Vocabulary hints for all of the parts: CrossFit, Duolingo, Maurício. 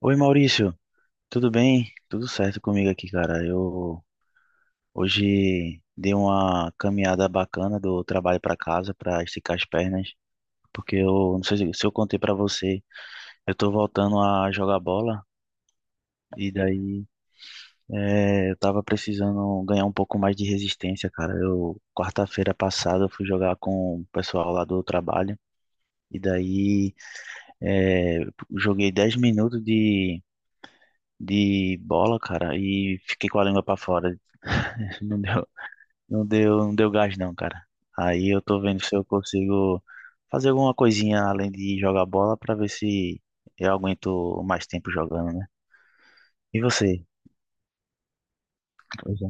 Oi Maurício, tudo bem? Tudo certo comigo aqui, cara. Eu hoje dei uma caminhada bacana do trabalho para casa para esticar as pernas, porque eu não sei se eu contei para você, eu tô voltando a jogar bola e daí eu tava precisando ganhar um pouco mais de resistência, cara. Eu quarta-feira passada eu fui jogar com o pessoal lá do trabalho e daí é, joguei 10 minutos de bola, cara, e fiquei com a língua pra fora. Não deu, não deu gás não, cara. Aí eu tô vendo se eu consigo fazer alguma coisinha além de jogar bola pra ver se eu aguento mais tempo jogando, né? E você? Pois é.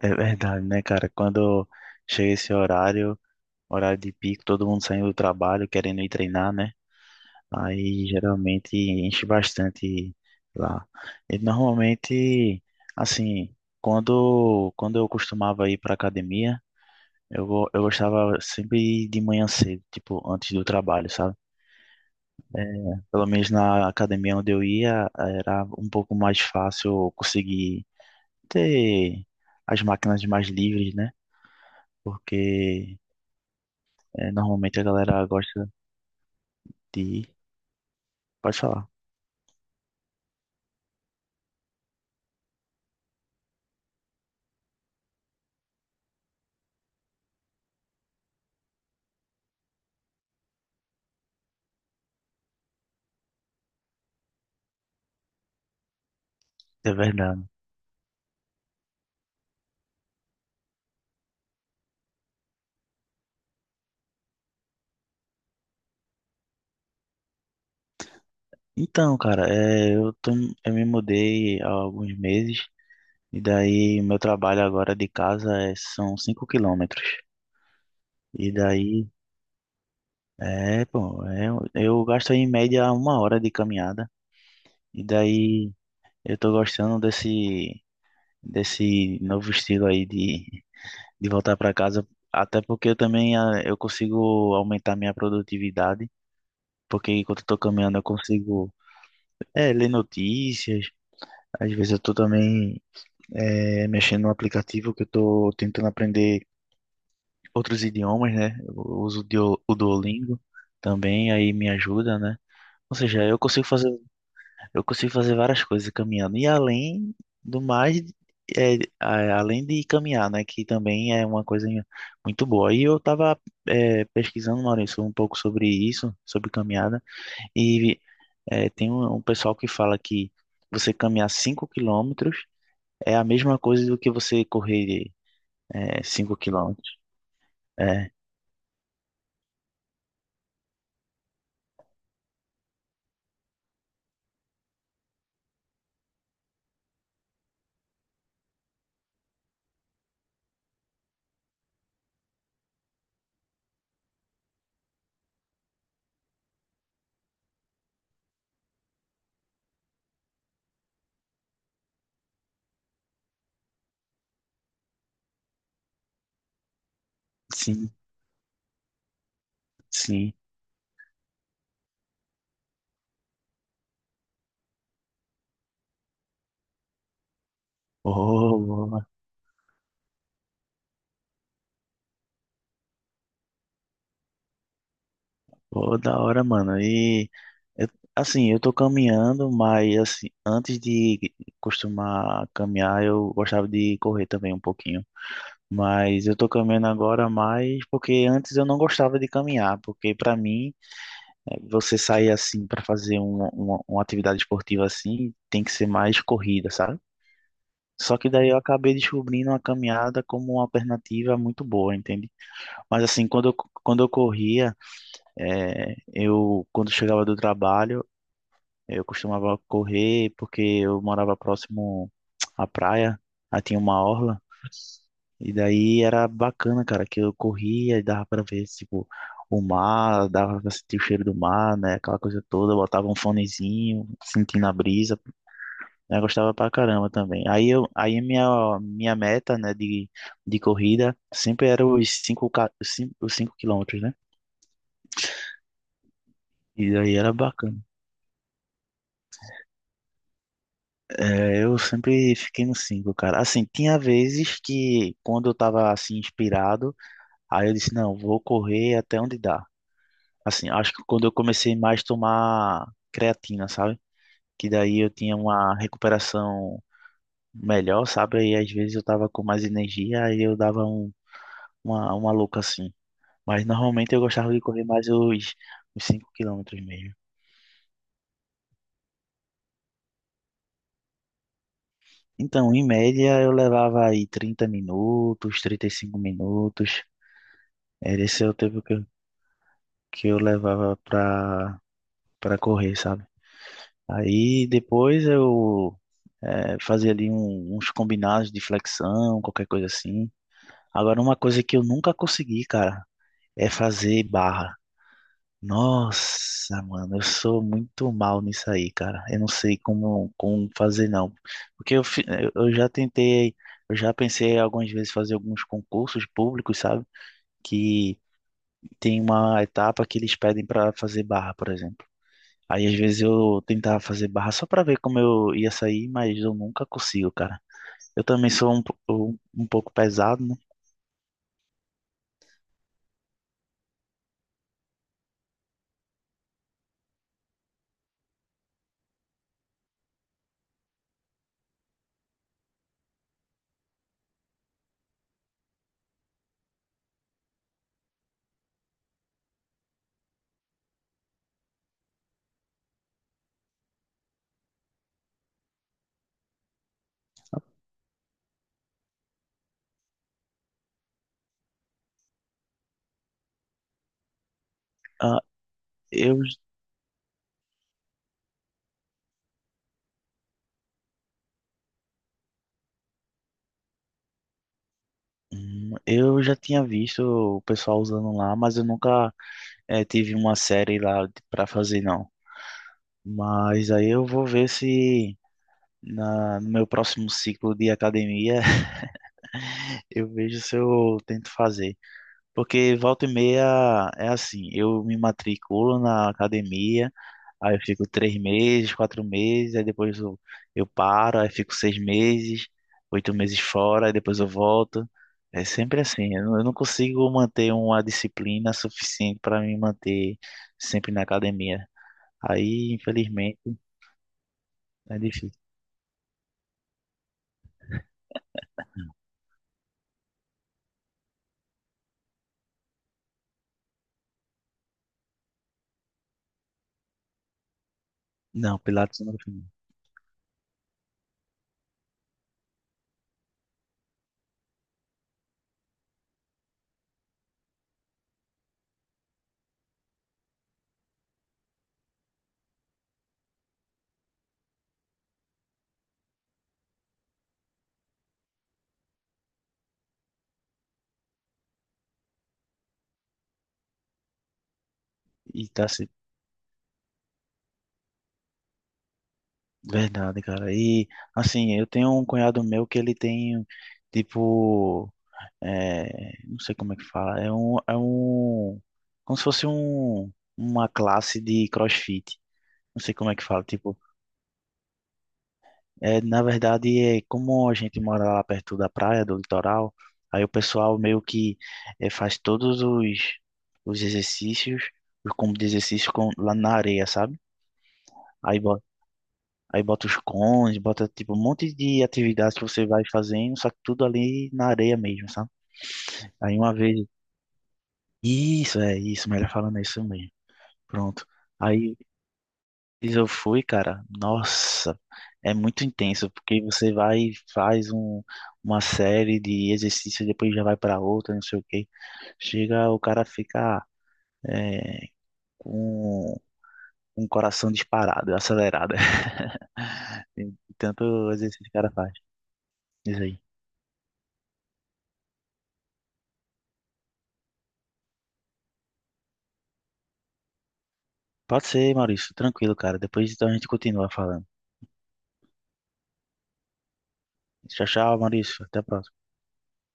É verdade, né, cara? Quando chega esse horário, horário de pico, todo mundo saindo do trabalho, querendo ir treinar, né? Aí geralmente enche bastante lá. E normalmente, assim, quando eu costumava ir para academia, eu, eu gostava sempre de ir de manhã cedo, tipo, antes do trabalho, sabe? É, Pelo menos na academia onde eu ia, era um pouco mais fácil conseguir ter as máquinas mais livres, né? Porque normalmente a galera gosta de ir. Pode falar, é verdade. Então, cara, eu tô, eu me mudei há alguns meses e daí meu trabalho agora de casa são 5 quilômetros. E daí, é, pô, é, eu gasto em média 1 hora de caminhada. E daí eu tô gostando desse, desse novo estilo aí de voltar para casa, até porque eu também eu consigo aumentar minha produtividade, porque enquanto eu tô caminhando eu consigo, ler notícias, às vezes eu tô também mexendo no aplicativo que eu estou tentando aprender outros idiomas, né? Eu uso o o Duolingo também, aí me ajuda, né? Ou seja, eu consigo fazer várias coisas caminhando. E além do mais, é, a- além de caminhar, né? Que também é uma coisa muito boa. E eu estava pesquisando, Maurício, um pouco sobre isso, sobre caminhada. E tem um, um pessoal que fala que você caminhar 5 quilômetros é a mesma coisa do que você correr. É, 5 quilômetros. É, sim, sim. Oh, ô, ô, da hora, mano. E, eu- assim, eu tô caminhando, mas, assim, antes de costumar caminhar, eu gostava de correr também um pouquinho. Mas eu tô caminhando agora mais porque antes eu não gostava de caminhar, porque pra mim, você sair assim pra fazer uma atividade esportiva assim, tem que ser mais corrida, sabe? Só que daí eu acabei descobrindo a caminhada como uma alternativa muito boa, entende? Mas assim, quando eu corria, eu quando chegava do trabalho, eu costumava correr porque eu morava próximo à praia, aí tinha uma orla, e daí era bacana, cara, que eu corria e dava pra ver, tipo, o mar, dava pra sentir o cheiro do mar, né, aquela coisa toda, eu botava um fonezinho, sentindo a brisa, né, eu gostava pra caramba também. Aí eu, aí a minha, minha meta, né, de corrida sempre era os 5 quilômetros, né? E aí era bacana. É, eu sempre fiquei no 5 cara. Assim, tinha vezes que quando eu tava assim inspirado, aí eu disse, não, vou correr até onde dá. Assim, acho que quando eu comecei mais a tomar creatina, sabe? Que daí eu tinha uma recuperação melhor, sabe? Aí às vezes eu tava com mais energia, aí eu dava um, uma louca assim. Mas normalmente eu gostava de correr mais os 5 quilômetros mesmo. Então, em média, eu levava aí 30 minutos, 35 minutos. Era esse é o tempo que eu levava pra, pra correr, sabe? Aí depois eu fazia ali uns combinados de flexão, qualquer coisa assim. Agora, uma coisa que eu nunca consegui, cara, é fazer barra. Nossa, mano, eu sou muito mal nisso aí, cara. Eu não sei como, como fazer, não. Porque eu, eu já tentei, eu já pensei algumas vezes fazer alguns concursos públicos, sabe? Que tem uma etapa que eles pedem para fazer barra, por exemplo. Aí às vezes eu tentava fazer barra só para ver como eu ia sair, mas eu nunca consigo, cara. Eu também sou um, um, um pouco pesado, né? Ah, eu, eu já tinha visto o pessoal usando lá, mas eu nunca tive uma série lá para fazer, não. Mas aí eu vou ver se na, no meu próximo ciclo de academia eu vejo se eu tento fazer. Porque volta e meia é assim, eu me matriculo na academia, aí eu fico 3 meses, 4 meses, aí depois eu paro, aí fico 6 meses, 8 meses fora, aí depois eu volto. É sempre assim, eu não consigo manter uma disciplina suficiente para me manter sempre na academia. Aí, infelizmente, é difícil. Não, Pilates não. E tá se... Verdade, cara. E assim, eu tenho um cunhado meu que ele tem, tipo. Não sei como é que fala, é um, como se fosse um, uma classe de CrossFit, não sei como é que fala, tipo, na verdade, é como a gente mora lá perto da praia, do litoral, aí o pessoal meio que faz todos os exercícios, os combos de exercício com, lá na areia, sabe? Aí bota, aí bota os cones, bota, tipo, um monte de atividades que você vai fazendo, só que tudo ali na areia mesmo, sabe? Aí uma vez Isso, é isso, melhor falando é isso mesmo. Pronto. Aí eu fui, cara. Nossa, é muito intenso, porque você vai e faz um, uma série de exercícios, depois já vai para outra, não sei o quê. Chega, o cara fica é, com um coração disparado, acelerado. De tanto exercício que o cara faz. Isso aí. Pode ser, Maurício, tranquilo, cara. Depois então a gente continua falando. Tchau, tchau, Maurício. Até a próxima.